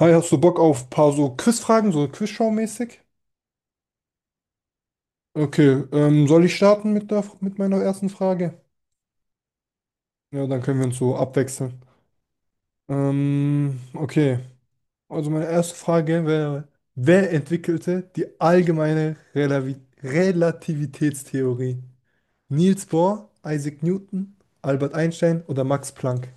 Hi, hast du Bock auf ein paar so Quizfragen, so Quizshow-mäßig? Okay, soll ich starten mit meiner ersten Frage? Ja, dann können wir uns so abwechseln. Ähm, okay, also meine erste Frage wäre, wer entwickelte die allgemeine Relavi Relativitätstheorie? Niels Bohr, Isaac Newton, Albert Einstein oder Max Planck?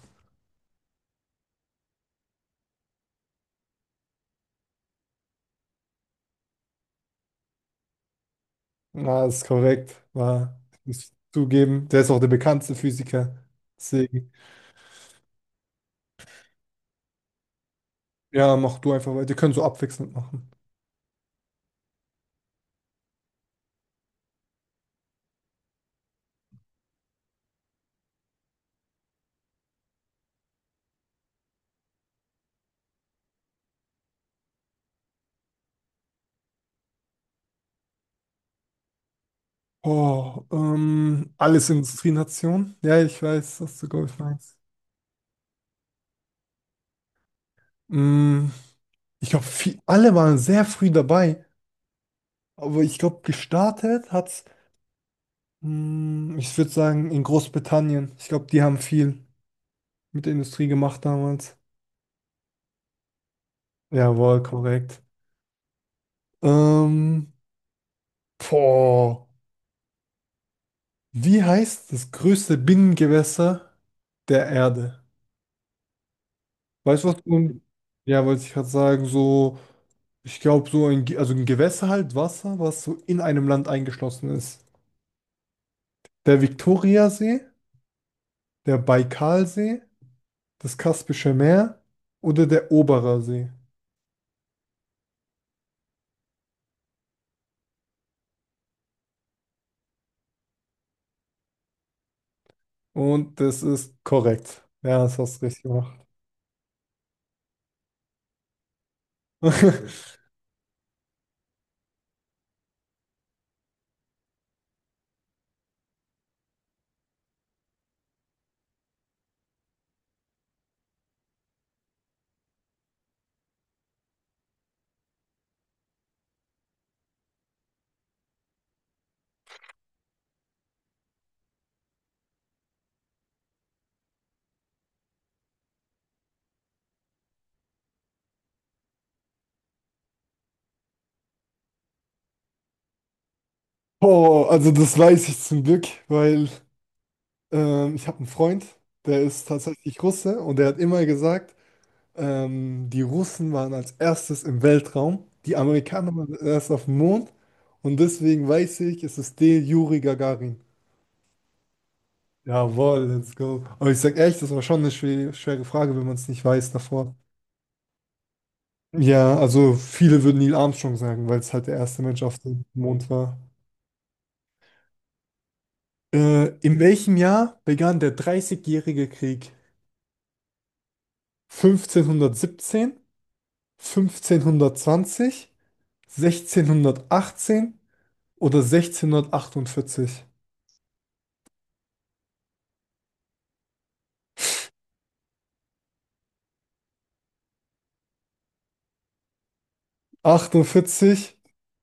Na, ist korrekt, muss zugeben. Der ist auch der bekannteste Physiker. Deswegen, ja, mach du einfach weiter. Wir können so abwechselnd machen. Oh, alles Industrienation. Ja, ich weiß, was du, glaube ich, meinst. Mm, ich glaube, alle waren sehr früh dabei, aber ich glaube, gestartet hat's, ich würde sagen, in Großbritannien. Ich glaube, die haben viel mit der Industrie gemacht damals. Jawohl, korrekt. Ähm, boah, wie heißt das größte Binnengewässer der Erde? Weißt du was? Du. Ja, wollte ich gerade sagen, so, ich glaube, also ein Gewässer halt, Wasser, was so in einem Land eingeschlossen ist. Der Viktoriasee, der Baikalsee, das Kaspische Meer oder der Oberer See. Und das ist korrekt. Ja, das hast du richtig gemacht. Oh, also das weiß ich zum Glück, weil ich habe einen Freund, der ist tatsächlich Russe und der hat immer gesagt. Die Russen waren als erstes im Weltraum, die Amerikaner waren erst auf dem Mond und deswegen weiß ich, es ist der Juri Gagarin. Jawohl, let's go. Aber ich sag echt, das war schon eine schwere, schwere Frage, wenn man es nicht weiß davor. Ja, also viele würden Neil Armstrong sagen, weil es halt der erste Mensch auf dem Mond war. In welchem Jahr begann der Dreißigjährige Krieg? 1517, 1520, 1618 oder 1648? 48,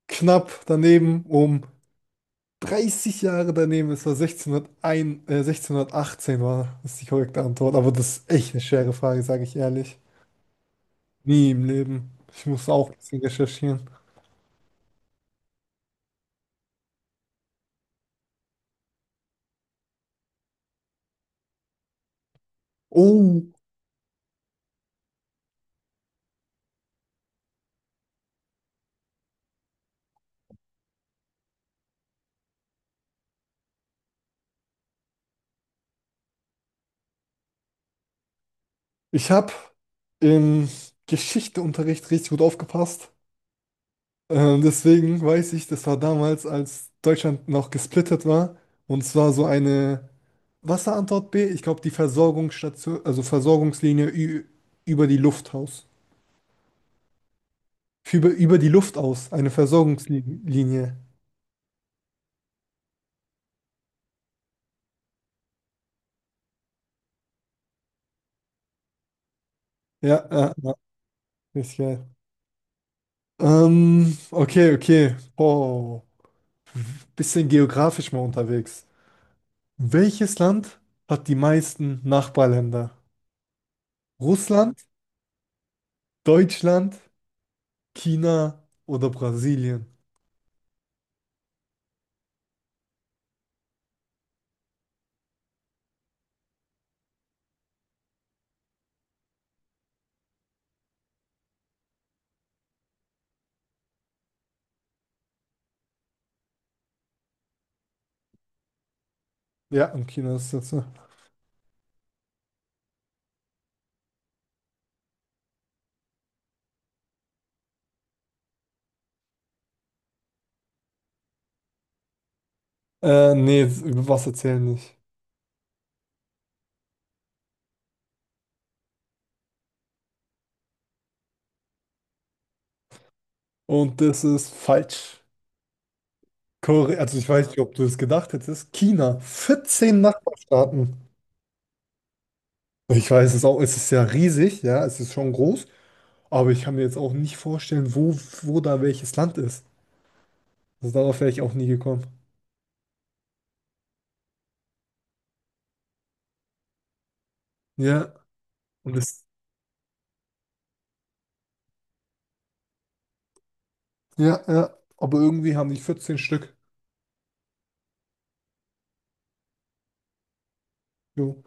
knapp daneben, um 30 Jahre daneben. Es war 1618 ist die korrekte Antwort. Aber das ist echt eine schwere Frage, sage ich ehrlich. Nie im Leben. Ich muss auch ein bisschen recherchieren. Oh, ich habe im Geschichteunterricht richtig gut aufgepasst. Deswegen weiß ich, das war damals, als Deutschland noch gesplittet war. Und zwar so eine Wasserantwort B, ich glaube die Versorgungsstation, also über die Luft aus. Über die Luft aus, eine Versorgungslinie. Ja, ja, ja, ist geil. Okay, okay. Oh, bisschen geografisch mal unterwegs. Welches Land hat die meisten Nachbarländer? Russland, Deutschland, China oder Brasilien? Ja, im Kino ist das so. Nee, über was erzählen nicht. Und das ist falsch. Korea, also ich weiß nicht, ob du es gedacht hättest. China, 14 Nachbarstaaten. Ich weiß es auch, es ist ja riesig, ja, es ist schon groß, aber ich kann mir jetzt auch nicht vorstellen, wo da welches Land ist. Also darauf wäre ich auch nie gekommen. Ja, und das, ja, ja, aber irgendwie haben die 14 Stück. Jo.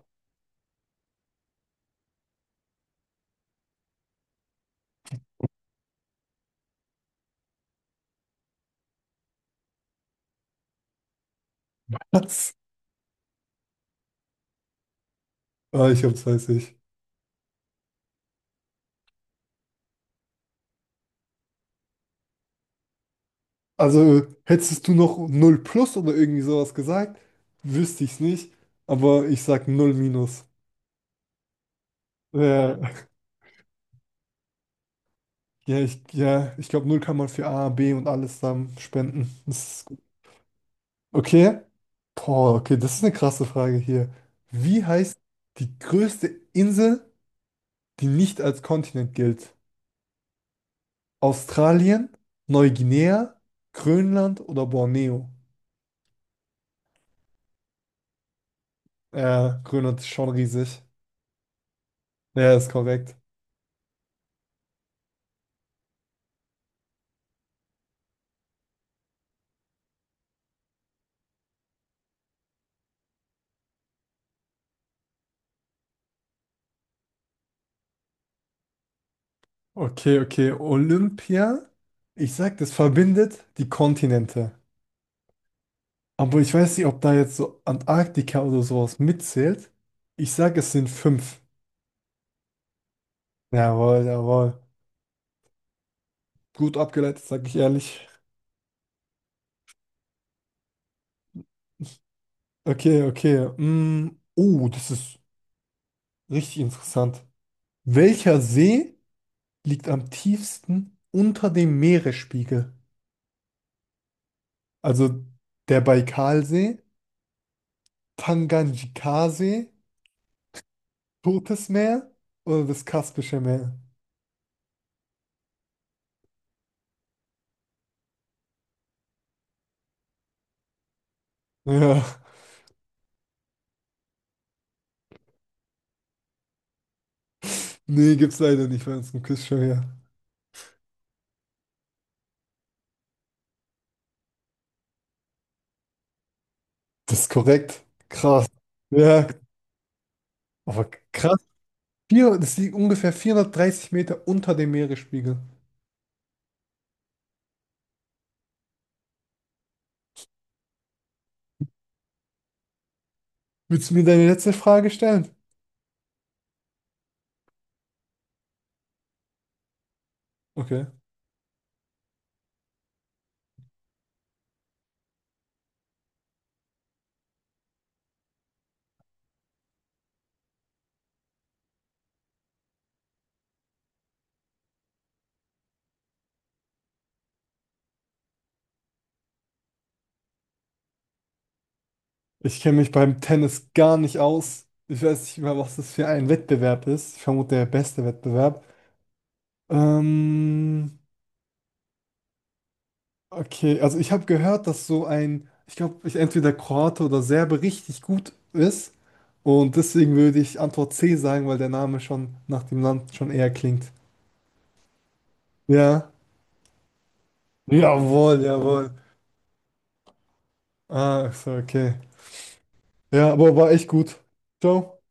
Ich hab's, weiß ich. Also hättest du noch null plus oder irgendwie sowas gesagt, wüsste ich es nicht. Aber ich sag null minus. Ja, ja, ja, ich glaube, null kann man für A, B und alles zusammen spenden. Das ist gut. Okay. Boah, okay, das ist eine krasse Frage hier. Wie heißt die größte Insel, die nicht als Kontinent gilt? Australien, Neuguinea, Grönland oder Borneo? Ja, Grönland ist schon riesig. Ja, ist korrekt. Okay, okay. Olympia, ich sag, das verbindet die Kontinente. Aber ich weiß nicht, ob da jetzt so Antarktika oder sowas mitzählt. Ich sag, es sind fünf. Jawohl, jawohl. Gut abgeleitet, sag ich ehrlich. Okay, okay. Oh, das ist richtig interessant. Welcher See liegt am tiefsten unter dem Meeresspiegel? Also der Baikalsee, Tanganjikasee, Totes Meer oder das Kaspische Meer? Ja, nee, gibt's leider nicht bei uns im Quizshow hier. Das ist korrekt. Krass. Ja, aber krass. Vier, das liegt ungefähr 430 Meter unter dem Meeresspiegel. Willst du mir deine letzte Frage stellen? Okay. Ich kenne mich beim Tennis gar nicht aus. Ich weiß nicht mal, was das für ein Wettbewerb ist. Ich vermute, der beste Wettbewerb. Ähm, Okay, also ich habe gehört, dass so ein, ich glaube, ich entweder Kroate oder Serbe richtig gut ist. Und deswegen würde ich Antwort C sagen, weil der Name schon nach dem Land schon eher klingt. Ja. Jawohl, jawohl. Ah, so, okay. Ja, aber war echt gut. Ciao.